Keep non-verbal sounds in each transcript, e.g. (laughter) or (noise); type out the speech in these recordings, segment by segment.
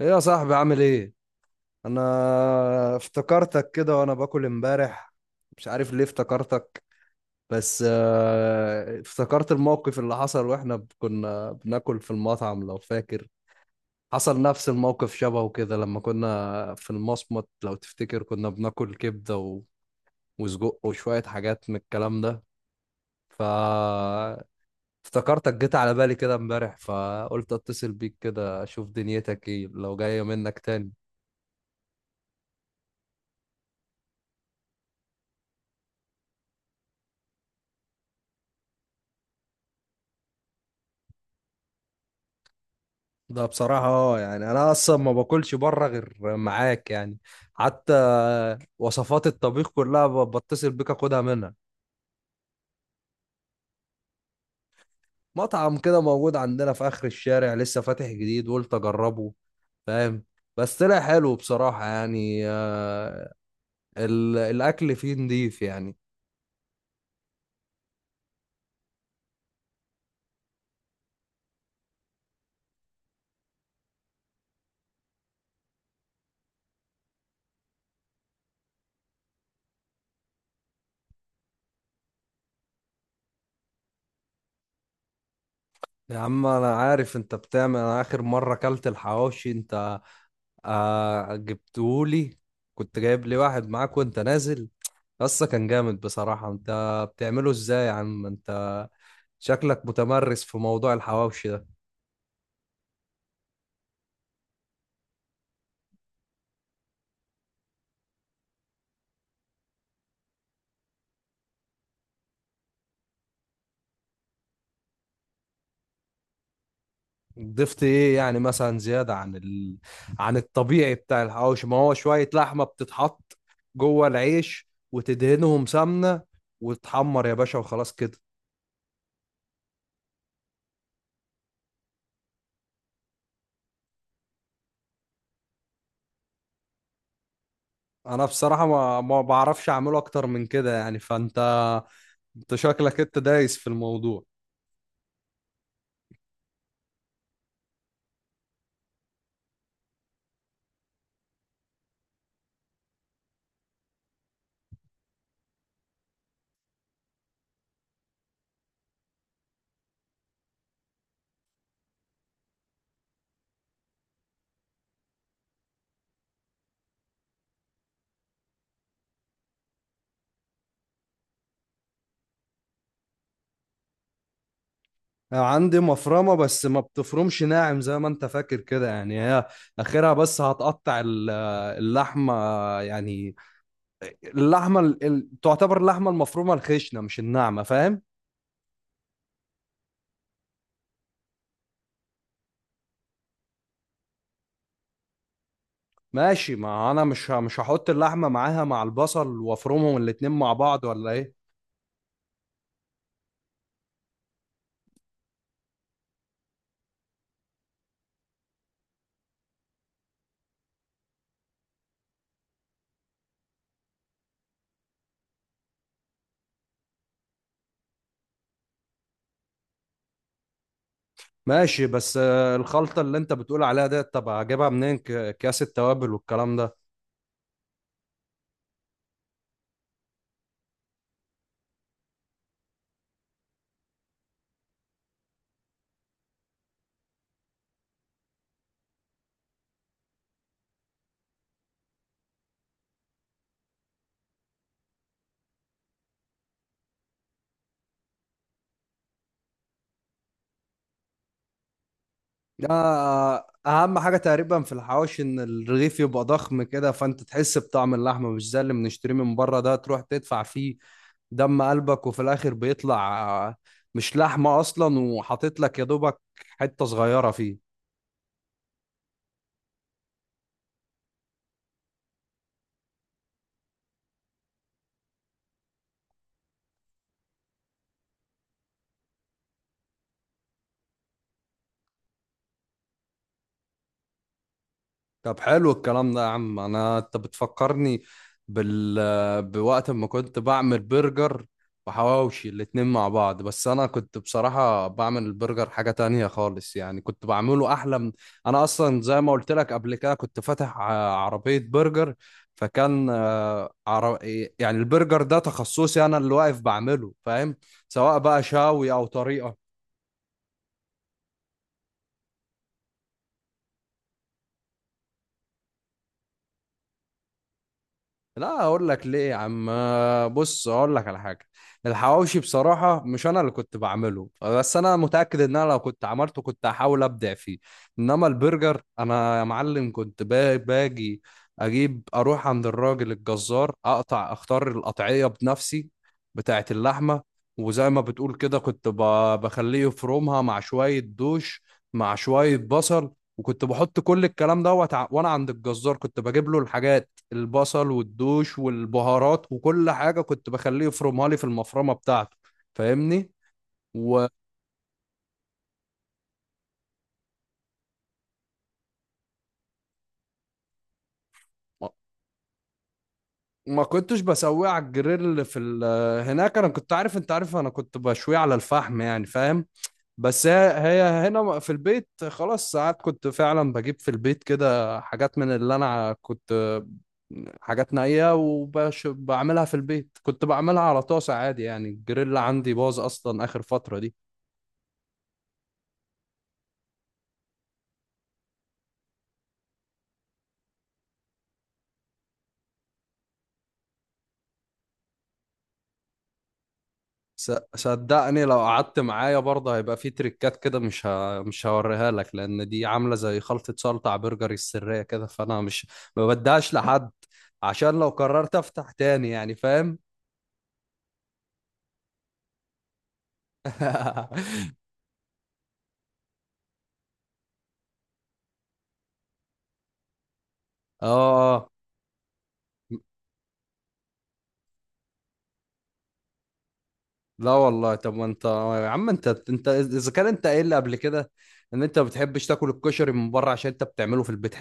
ايه يا صاحبي؟ عامل ايه؟ انا افتكرتك كده وانا باكل امبارح. مش عارف ليه افتكرتك. بس افتكرت الموقف اللي حصل واحنا كنا بناكل في المطعم، لو فاكر. حصل نفس الموقف شبهه كده لما كنا في المصمت، لو تفتكر كنا بناكل كبدة وسجق وشوية حاجات من الكلام ده. ف افتكرتك، جيت على بالي كده امبارح فقلت اتصل بيك كده اشوف دنيتك ايه لو جاية منك تاني. ده بصراحة يعني أنا أصلا ما باكلش بره غير معاك يعني. حتى وصفات الطبيخ كلها بتصل بيك أخدها منها. مطعم كده موجود عندنا في آخر الشارع لسه فاتح جديد، قلت أجربه. فاهم؟ بس طلع حلو بصراحة يعني. الأكل فيه نضيف يعني. يا عم أنا عارف أنت بتعمل، أنا آخر مرة أكلت الحواوشي أنت. آه، جبتولي. كنت جايب لي واحد معاك وانت نازل. قصة كان جامد بصراحة انت. بتعمله ازاي يا عم انت؟ شكلك متمرس في موضوع الحواوشي ده. ضفت ايه يعني مثلا زيادة عن عن الطبيعي بتاع الحواوشي؟ ما هو شوية لحمة بتتحط جوه العيش وتدهنهم سمنة، وتحمر يا باشا وخلاص كده. انا بصراحة ما بعرفش اعمله اكتر من كده يعني فانت. انت شكلك انت دايس في الموضوع. عندي مفرمة بس ما بتفرمش ناعم زي ما انت فاكر كده يعني، هي اخرها بس هتقطع اللحمة يعني. اللحمة تعتبر اللحمة المفرومة الخشنة مش الناعمة، فاهم؟ ماشي، ما انا مش هحط اللحمة معاها مع البصل وافرمهم الاتنين مع بعض ولا ايه؟ ماشي بس الخلطة اللي انت بتقول عليها ديت، طب اجيبها منين؟ اكياس التوابل والكلام ده. ده اهم حاجه تقريبا في الحواوشي، ان الرغيف يبقى ضخم كده فانت تحس بطعم اللحمه، مش زي اللي بنشتريه من بره ده، تروح تدفع فيه دم قلبك وفي الاخر بيطلع مش لحمه اصلا، وحاطط لك يا دوبك حته صغيره فيه. طب حلو الكلام ده يا عم، انا انت بتفكرني بوقت ما كنت بعمل برجر وحواوشي الاتنين مع بعض، بس انا كنت بصراحة بعمل البرجر حاجة تانية خالص يعني كنت بعمله احلى انا اصلا زي ما قلت لك قبل كده كنت فاتح عربية برجر. فكان يعني البرجر ده تخصصي، انا اللي واقف بعمله، فاهم؟ سواء بقى شاوي او طريقة. لا، اقول لك ليه يا عم. بص، اقول لك على حاجه. الحواوشي بصراحه مش انا اللي كنت بعمله، بس انا متاكد ان انا لو كنت عملته كنت هحاول ابدع فيه. انما البرجر انا يا معلم كنت باجي اجيب اروح عند الراجل الجزار، اقطع اختار القطعيه بنفسي بتاعه اللحمه. وزي ما بتقول كده كنت بخليه يفرمها مع شويه دوش مع شويه بصل، وكنت بحط كل الكلام دوت وانا عند الجزار كنت بجيب له الحاجات، البصل والدوش والبهارات وكل حاجة كنت بخليه يفرمها لي في المفرمة بتاعته. فاهمني؟ وما كنتش بسويه على الجريل في هناك، انا كنت عارف انت عارف انا كنت بشويه على الفحم يعني، فاهم؟ بس هي هي هنا في البيت، خلاص ساعات كنت فعلا بجيب في البيت كده حاجات من اللي انا كنت حاجات نائية وبعملها في البيت كنت بعملها على طاسة عادي يعني، الجريل عندي باظ اصلا اخر فترة دي. صدقني لو قعدت معايا برضه هيبقى في تريكات كده مش هوريها لك، لان دي عامله زي خلطه سلطه على برجري السريه كده، فانا مش ما بديهاش لحد. عشان لو قررت افتح تاني يعني، فاهم؟ (laughs) اه. آه. لا والله، طب ما انت يا عم، انت اذا كان انت قايل لي قبل كده ان انت ما بتحبش تاكل الكشري من بره عشان انت بتعمله في البيت.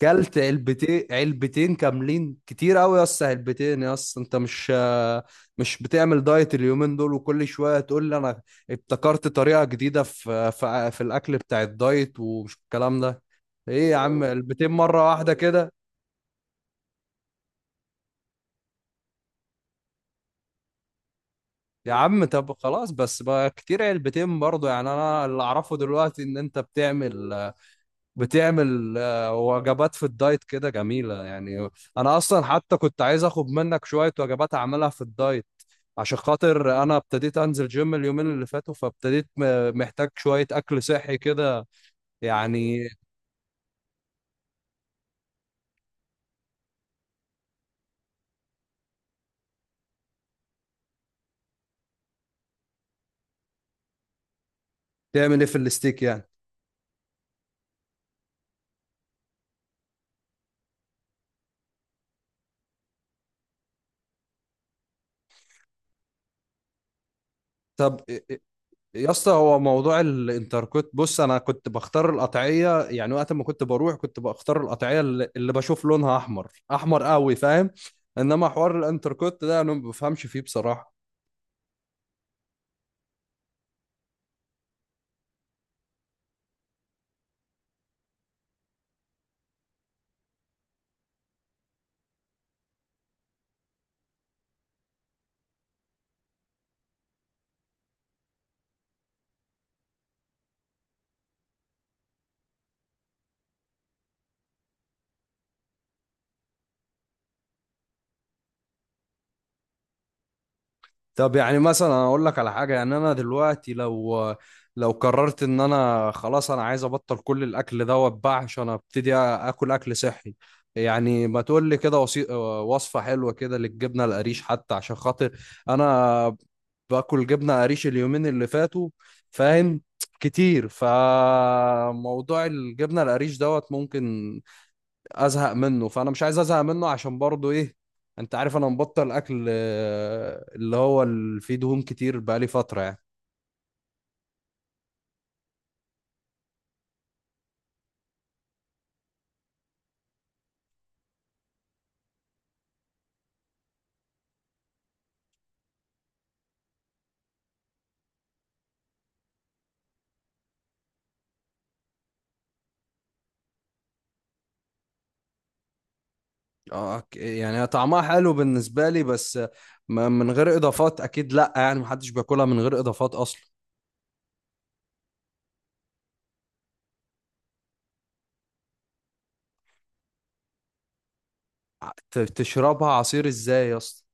كلت علبتين علبتين كاملين كتير قوي يا اسطى، علبتين يا اسطى، انت مش مش بتعمل دايت اليومين دول؟ وكل شويه تقول لي انا ابتكرت طريقه جديده في الاكل بتاع الدايت ومش الكلام ده. ايه يا عم؟ علبتين مره واحده كده؟ يا عم طب خلاص، بس بقى كتير علبتين برضه يعني، انا اللي اعرفه دلوقتي ان انت بتعمل بتعمل وجبات في الدايت كده جميله يعني. انا اصلا حتى كنت عايز اخد منك شويه وجبات اعملها في الدايت عشان خاطر انا ابتديت انزل جيم اليومين اللي فاتوا، فابتديت محتاج شوية اكل صحي كده يعني. تعمل ايه في الستيك يعني؟ طب يا اسطى هو موضوع الانتركوت، بص انا كنت بختار القطعية يعني، وقت ما كنت بروح كنت بختار القطعية اللي بشوف لونها احمر احمر قوي، فاهم؟ انما حوار الانتركوت ده انا ما بفهمش فيه بصراحة. طب يعني مثلا انا اقول لك على حاجه يعني، انا دلوقتي لو قررت ان انا خلاص انا عايز ابطل كل الاكل ده واتباع عشان ابتدي اكل اكل صحي يعني، ما تقول لي كده وصفه حلوه كده للجبنه القريش، حتى عشان خاطر انا باكل جبنه قريش اليومين اللي فاتوا. فاهم؟ كتير، فموضوع الجبنه القريش دوت ممكن ازهق منه، فانا مش عايز ازهق منه عشان برضه ايه؟ انت عارف انا مبطل اكل اللي هو اللي فيه دهون كتير بقالي فترة يعني. اه، يعني هي طعمها حلو بالنسبة لي بس من غير اضافات اكيد، لا يعني محدش بياكلها من غير اضافات اصلا. تشربها عصير ازاي يا اسطى؟